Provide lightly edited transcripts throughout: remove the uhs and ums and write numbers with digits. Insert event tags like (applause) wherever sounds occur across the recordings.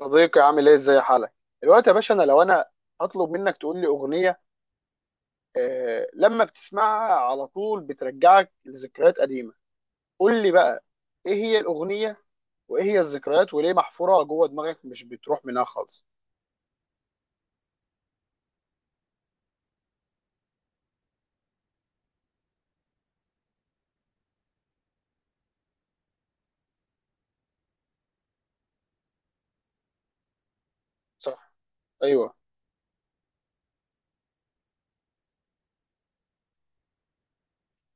صديقي، عامل ايه؟ ازاي حالك دلوقتي يا باشا؟ انا لو انا هطلب منك تقول لي اغنيه لما بتسمعها على طول بترجعك لذكريات قديمه، قول لي بقى ايه هي الاغنيه، وايه هي الذكريات، وليه محفوره جوه دماغك مش بتروح منها خالص؟ صح. ايوه.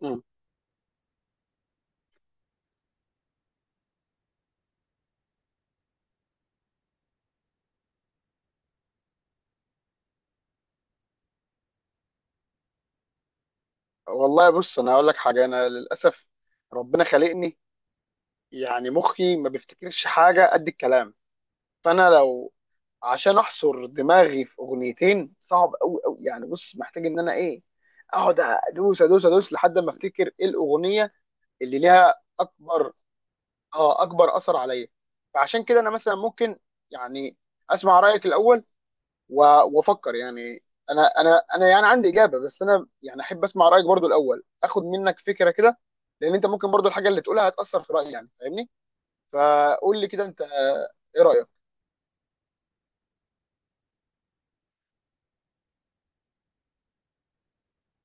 مم. والله بص، انا هقول لك حاجه، انا للاسف ربنا خلقني يعني مخي ما بيفتكرش حاجه قد الكلام. فانا لو عشان احصر دماغي في اغنيتين صعب قوي قوي، يعني بص محتاج ان انا ايه، اقعد ادوس ادوس ادوس لحد ما افتكر ايه الاغنيه اللي ليها اكبر اه اكبر اثر عليا. فعشان كده انا مثلا ممكن يعني اسمع رايك الاول و- وافكر يعني، انا يعني عندي اجابه، بس انا يعني احب اسمع رايك برضو الاول، اخد منك فكره كده، لان انت ممكن برضو الحاجه اللي تقولها هتاثر في رايي، يعني فاهمني؟ فقول لي كده انت. ايه رايك؟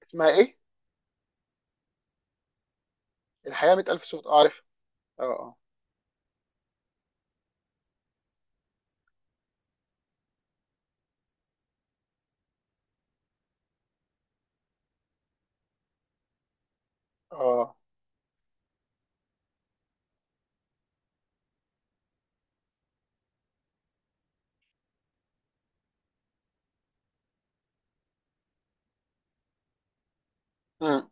اسمها ايه؟ الحياة 100000 صوت. عارف. اه. اه. اه. امم.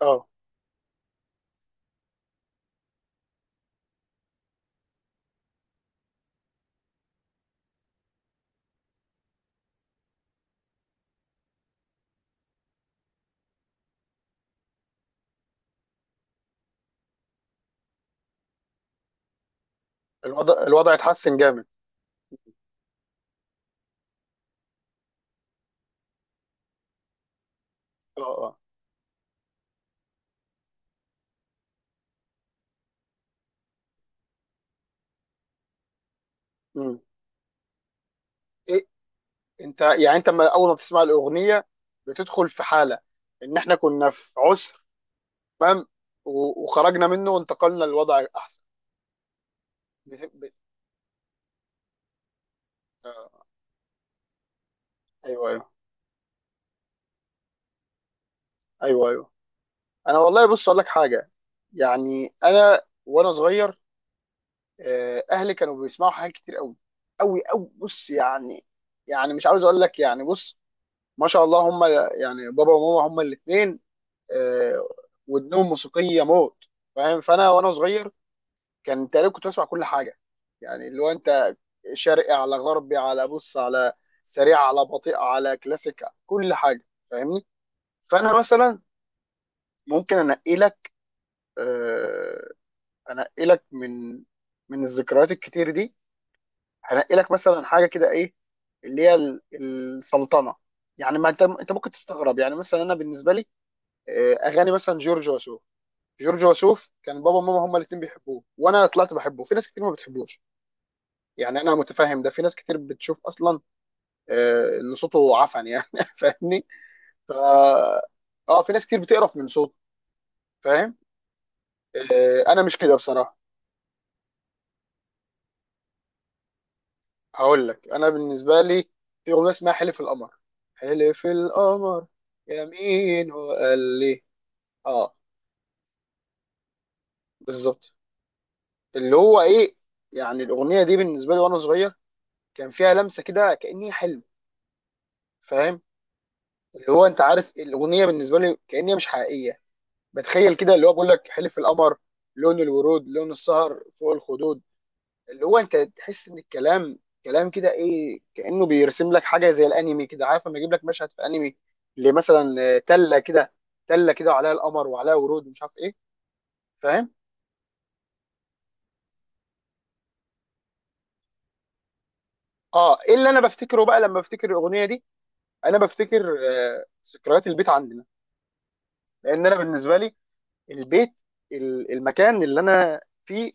اه. الوضع اتحسن جامد. اه. اه. امم. ايه؟ انت ما اول ما بتسمع الأغنية بتدخل في حالة ان احنا كنا في عسر، تمام، وخرجنا منه وانتقلنا لوضع احسن. بت- بت- آه، ايوه ايوه. ايوه ايوه. انا والله بص اقول لك حاجة، يعني انا وانا صغير اهلي كانوا بيسمعوا حاجات كتير قوي قوي قوي بص يعني، يعني مش عاوز اقول لك، يعني بص ما شاء الله هم، يعني بابا وماما هم الاثنين. آه، ودنهم موسيقيه موت، فاهم؟ فانا وانا صغير كان تقريبا كنت بسمع كل حاجه، يعني اللي هو انت شرقي على غربي على بص على سريع على بطيء على كلاسيك، كل حاجه، فاهمني؟ فانا مثلا ممكن انقي لك، آه، انقي لك من الذكريات الكتير دي، هنقي لك مثلا حاجه كده ايه، اللي هي السلطنه، يعني ما انت ممكن تستغرب، يعني مثلا انا بالنسبه لي اغاني مثلا جورج وسوف. جورج وسوف كان بابا وماما هما الاثنين بيحبوه، وانا طلعت بحبه في ناس كتير ما بتحبوش، يعني انا متفاهم ده، في ناس كتير بتشوف اصلا ان صوته عفن يعني (laughs) فاهمني؟ ف اه في ناس كتير بتقرف من صوته، فاهم؟ انا مش كده بصراحه. هقول لك، انا بالنسبه لي في اغنيه اسمها حلف القمر. حلف القمر يمين وقال لي. اه، بالظبط. اللي هو ايه، يعني الاغنيه دي بالنسبه لي وانا صغير كان فيها لمسه كده كاني حلم، فاهم؟ اللي هو انت عارف الاغنيه بالنسبه لي كأن هي مش حقيقيه، بتخيل كده اللي هو بيقول لك حلف القمر، لون الورود، لون السهر فوق الخدود، اللي هو انت تحس ان الكلام كلام كده ايه، كأنه بيرسم لك حاجه زي الانمي كده، عارف لما يجيب لك مشهد في انمي لمثلا تله كده وعليها القمر وعليها ورود مش عارف ايه، فاهم؟ اه. ايه اللي انا بفتكره بقى لما بفتكر الاغنيه دي؟ انا بفتكر ذكريات البيت عندنا، لان انا بالنسبه لي البيت، المكان اللي انا فيه،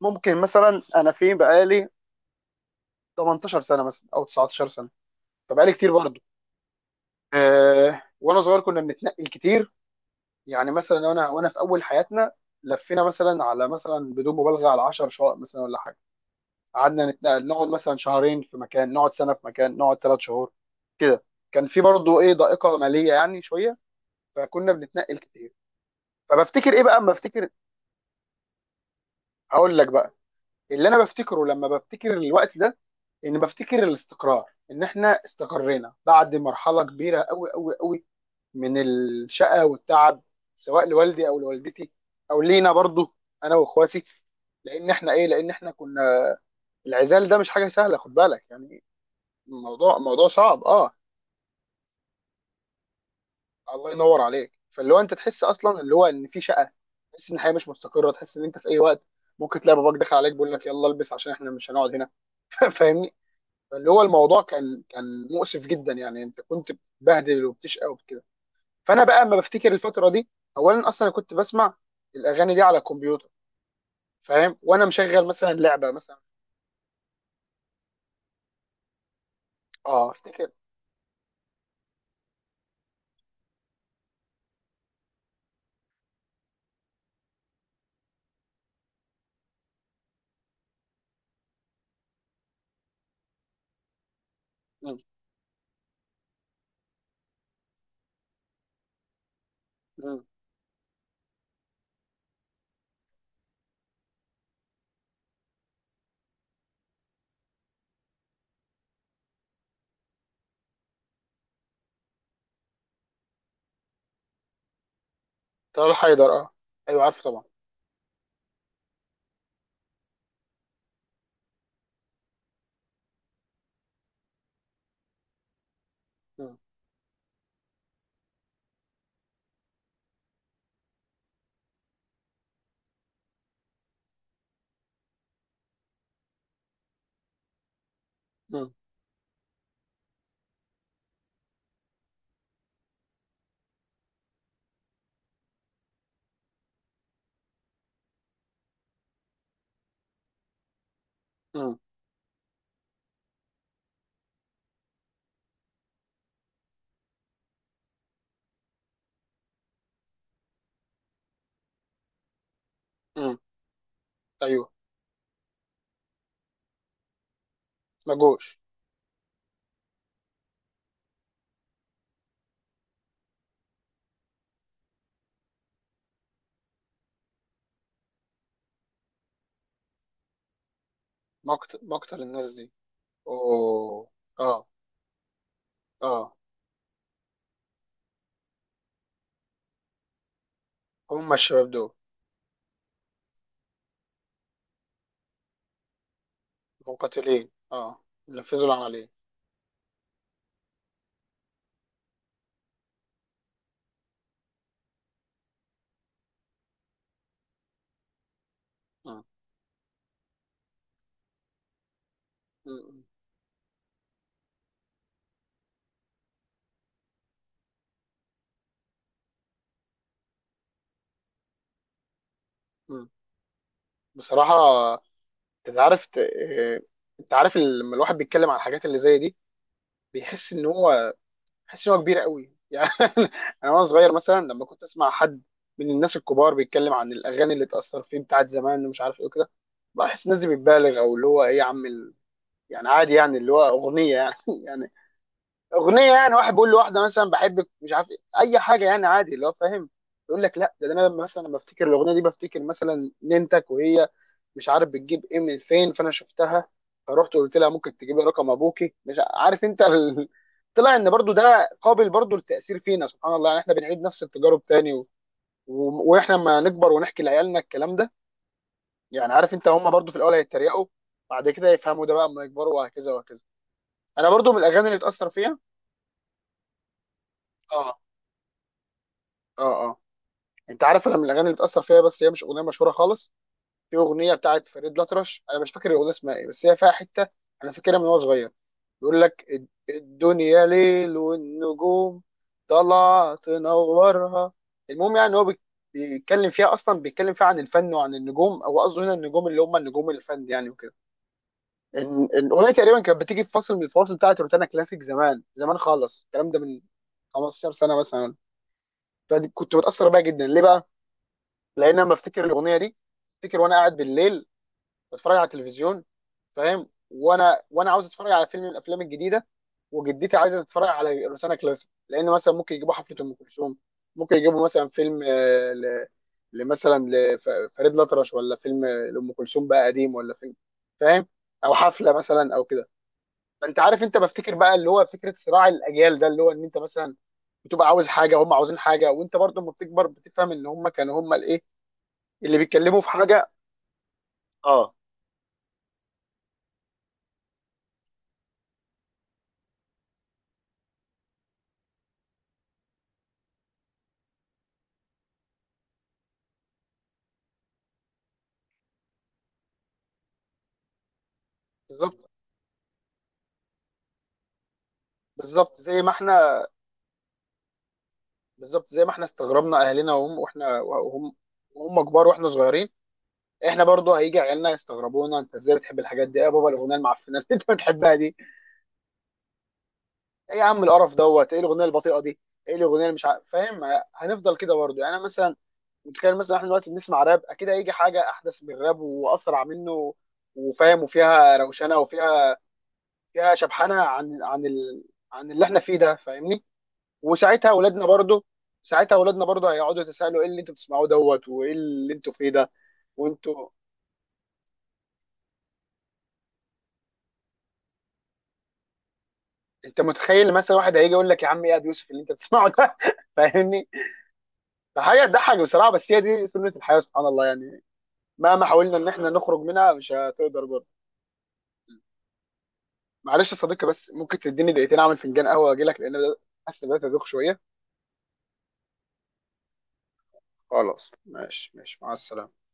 ممكن مثلا انا فين بقالي 18 سنه مثلا او 19 سنه، فبقالي كتير برضه. وانا صغير كنا بنتنقل كتير، يعني مثلا وانا في اول حياتنا لفينا مثلا على مثلا بدون مبالغه على 10 شقق مثلا ولا حاجه، قعدنا نتنقل، نقعد مثلا شهرين في مكان، نقعد سنه في مكان، نقعد 3 شهور كده، كان في برضه ايه ضائقه ماليه يعني شويه، فكنا بنتنقل كتير. فبفتكر ايه بقى اما افتكر؟ هقول لك بقى، اللي انا بفتكره لما بفتكر الوقت ده ان بفتكر الاستقرار، ان احنا استقرينا بعد مرحله كبيره قوي قوي قوي من الشقه والتعب، سواء لوالدي او لوالدتي او لينا برضو انا واخواتي، لان احنا كنا، العزال ده مش حاجه سهله، خد بالك يعني. موضوع صعب، اه. الله ينور عليك. فاللي هو انت تحس اصلا اللي هو ان في شقه، تحس ان الحياه مش مستقره، تحس ان انت في اي وقت ممكن تلاقي باباك داخل عليك بيقول لك يلا البس عشان احنا مش هنقعد هنا (laughs) فاهمني؟ اللي هو الموضوع كان مؤسف جدا، يعني انت كنت بتبهدل وبتشقى وكده. فانا بقى اما بفتكر الفتره دي، اولا اصلا أنا كنت بسمع الاغاني دي على الكمبيوتر، فاهم؟ وانا مشغل مثلا لعبه مثلا. اه. افتكر. مم. مم. طلال حيدر، اه ايوه، عارفه طبعا. مم. مم. مم. مم. ايوه. مجوش. مقتل الناس دي؟ اوه. اه. اه. هم الشباب دول؟ مقاتلين، اه، نفذوا العمليه. مم. مم. مم. بصراحه، انت عارف، انت عارف لما الواحد بيتكلم عن الحاجات اللي زي دي، بيحس ان هو بيحس ان هو كبير قوي يعني (laughs) انا وانا صغير مثلا لما كنت اسمع حد من الناس الكبار بيتكلم عن الاغاني اللي اتاثر فيه بتاعت زمان ومش عارف ايه وكده، بحس الناس دي بتبالغ، او اللي هو ايه يا عم يعني عادي، يعني اللي هو اغنيه يعني (laughs) اغنيه يعني واحد بيقول لواحده مثلا بحبك مش عارف إيه، اي حاجه يعني عادي، اللي هو فاهم. يقول لك لا ده انا مثلا لما بفتكر الاغنيه دي بفتكر مثلا ننتك وهي مش عارف بتجيب ايه من فين، فانا شفتها فرحت قلت لها ممكن تجيبي رقم ابوكي مش عارف انت (laughs) طلع ان برضو ده قابل برضو للتاثير فينا سبحان الله يعني، احنا بنعيد نفس التجارب تاني واحنا لما نكبر ونحكي لعيالنا الكلام ده، يعني عارف انت هم برضو في الاول هيتريقوا، بعد كده يفهموا، ده بقى اما يكبروا وهكذا وهكذا. انا برضو من الاغاني اللي اتاثر فيها. اه. اه. اه. انت عارف انا من الاغاني اللي بتاثر فيها، بس هي مش اغنيه مشهوره خالص، في اغنيه بتاعت فريد الأطرش، انا مش فاكر الاغنيه اسمها ايه، بس هي فيها حته انا فاكرها من وانا صغير، بيقول لك الدنيا ليل، والنجوم طالعه تنورها. المهم يعني هو بيتكلم فيها، اصلا بيتكلم فيها عن الفن وعن النجوم، او قصده هنا النجوم اللي هم النجوم الفن يعني وكده. الاغنيه تقريبا كانت بتيجي في فصل من الفواصل بتاعت روتانا كلاسيك زمان زمان خالص، الكلام ده من 15 سنه مثلا، فكنت متاثر بيها جدا. ليه بقى؟ لان انا بفتكر الاغنيه دي، افتكر وانا قاعد بالليل بتفرج على التلفزيون، فاهم؟ وانا عاوز اتفرج على فيلم من الافلام الجديده، وجدتي عايزه تتفرج على روتانا كلاسيك، لان مثلا ممكن يجيبوا حفله ام كلثوم، ممكن يجيبوا مثلا فيلم لمثلا لفريد الأطرش، ولا فيلم لأم كلثوم بقى قديم، ولا فيلم، فاهم؟ او حفله مثلا او كده. فانت عارف، انت بفتكر بقى اللي هو فكره صراع الاجيال ده، اللي هو ان انت مثلا بتبقى عاوز حاجه، هم عاوزين حاجه، وانت برضه لما بتكبر بتفهم ان هم كانوا هم الايه اللي بيتكلموا في حاجه. اه. بالظبط. بالظبط زي ما احنا بالظبط زي ما احنا استغربنا اهلنا، وهم واحنا وهم كبار واحنا صغيرين، احنا برضو هيجي عيالنا يستغربونا، انت ازاي بتحب الحاجات دي؟ إيه يا بابا الاغنيه المعفنه اللي انت بتحبها دي؟ ايه يا عم القرف دوت؟ ايه الاغنيه البطيئه دي؟ ايه الاغنيه اللي مش عارف فاهم. هنفضل كده برضو، يعني انا مثلا متخيل مثلا احنا دلوقتي بنسمع راب، اكيد هيجي حاجه احدث من الراب واسرع منه، وفاهم، وفيها روشنه، وفيها شبحانه عن عن اللي احنا فيه ده، فاهمني؟ وساعتها اولادنا برضو ساعتها اولادنا برضو هيقعدوا يتساءلوا ايه اللي انتوا بتسمعوه دوت وايه اللي انتوا فيه ده. وانتوا انت متخيل مثلا واحد هيجي يقول لك يا عم ايه يا ابو يوسف اللي انت بتسمعه ده (laughs) فاهمني؟ فحاجه تضحك بصراحه، بس هي دي سنه الحياه سبحان الله يعني، مهما حاولنا ان احنا نخرج منها مش هتقدر برضه. معلش يا صديقي، بس ممكن تديني دقيقتين اعمل فنجان قهوه واجي لك، لان ده حاسس بدات ادوخ شويه. خلاص، ماشي ماشي، مع السلامه.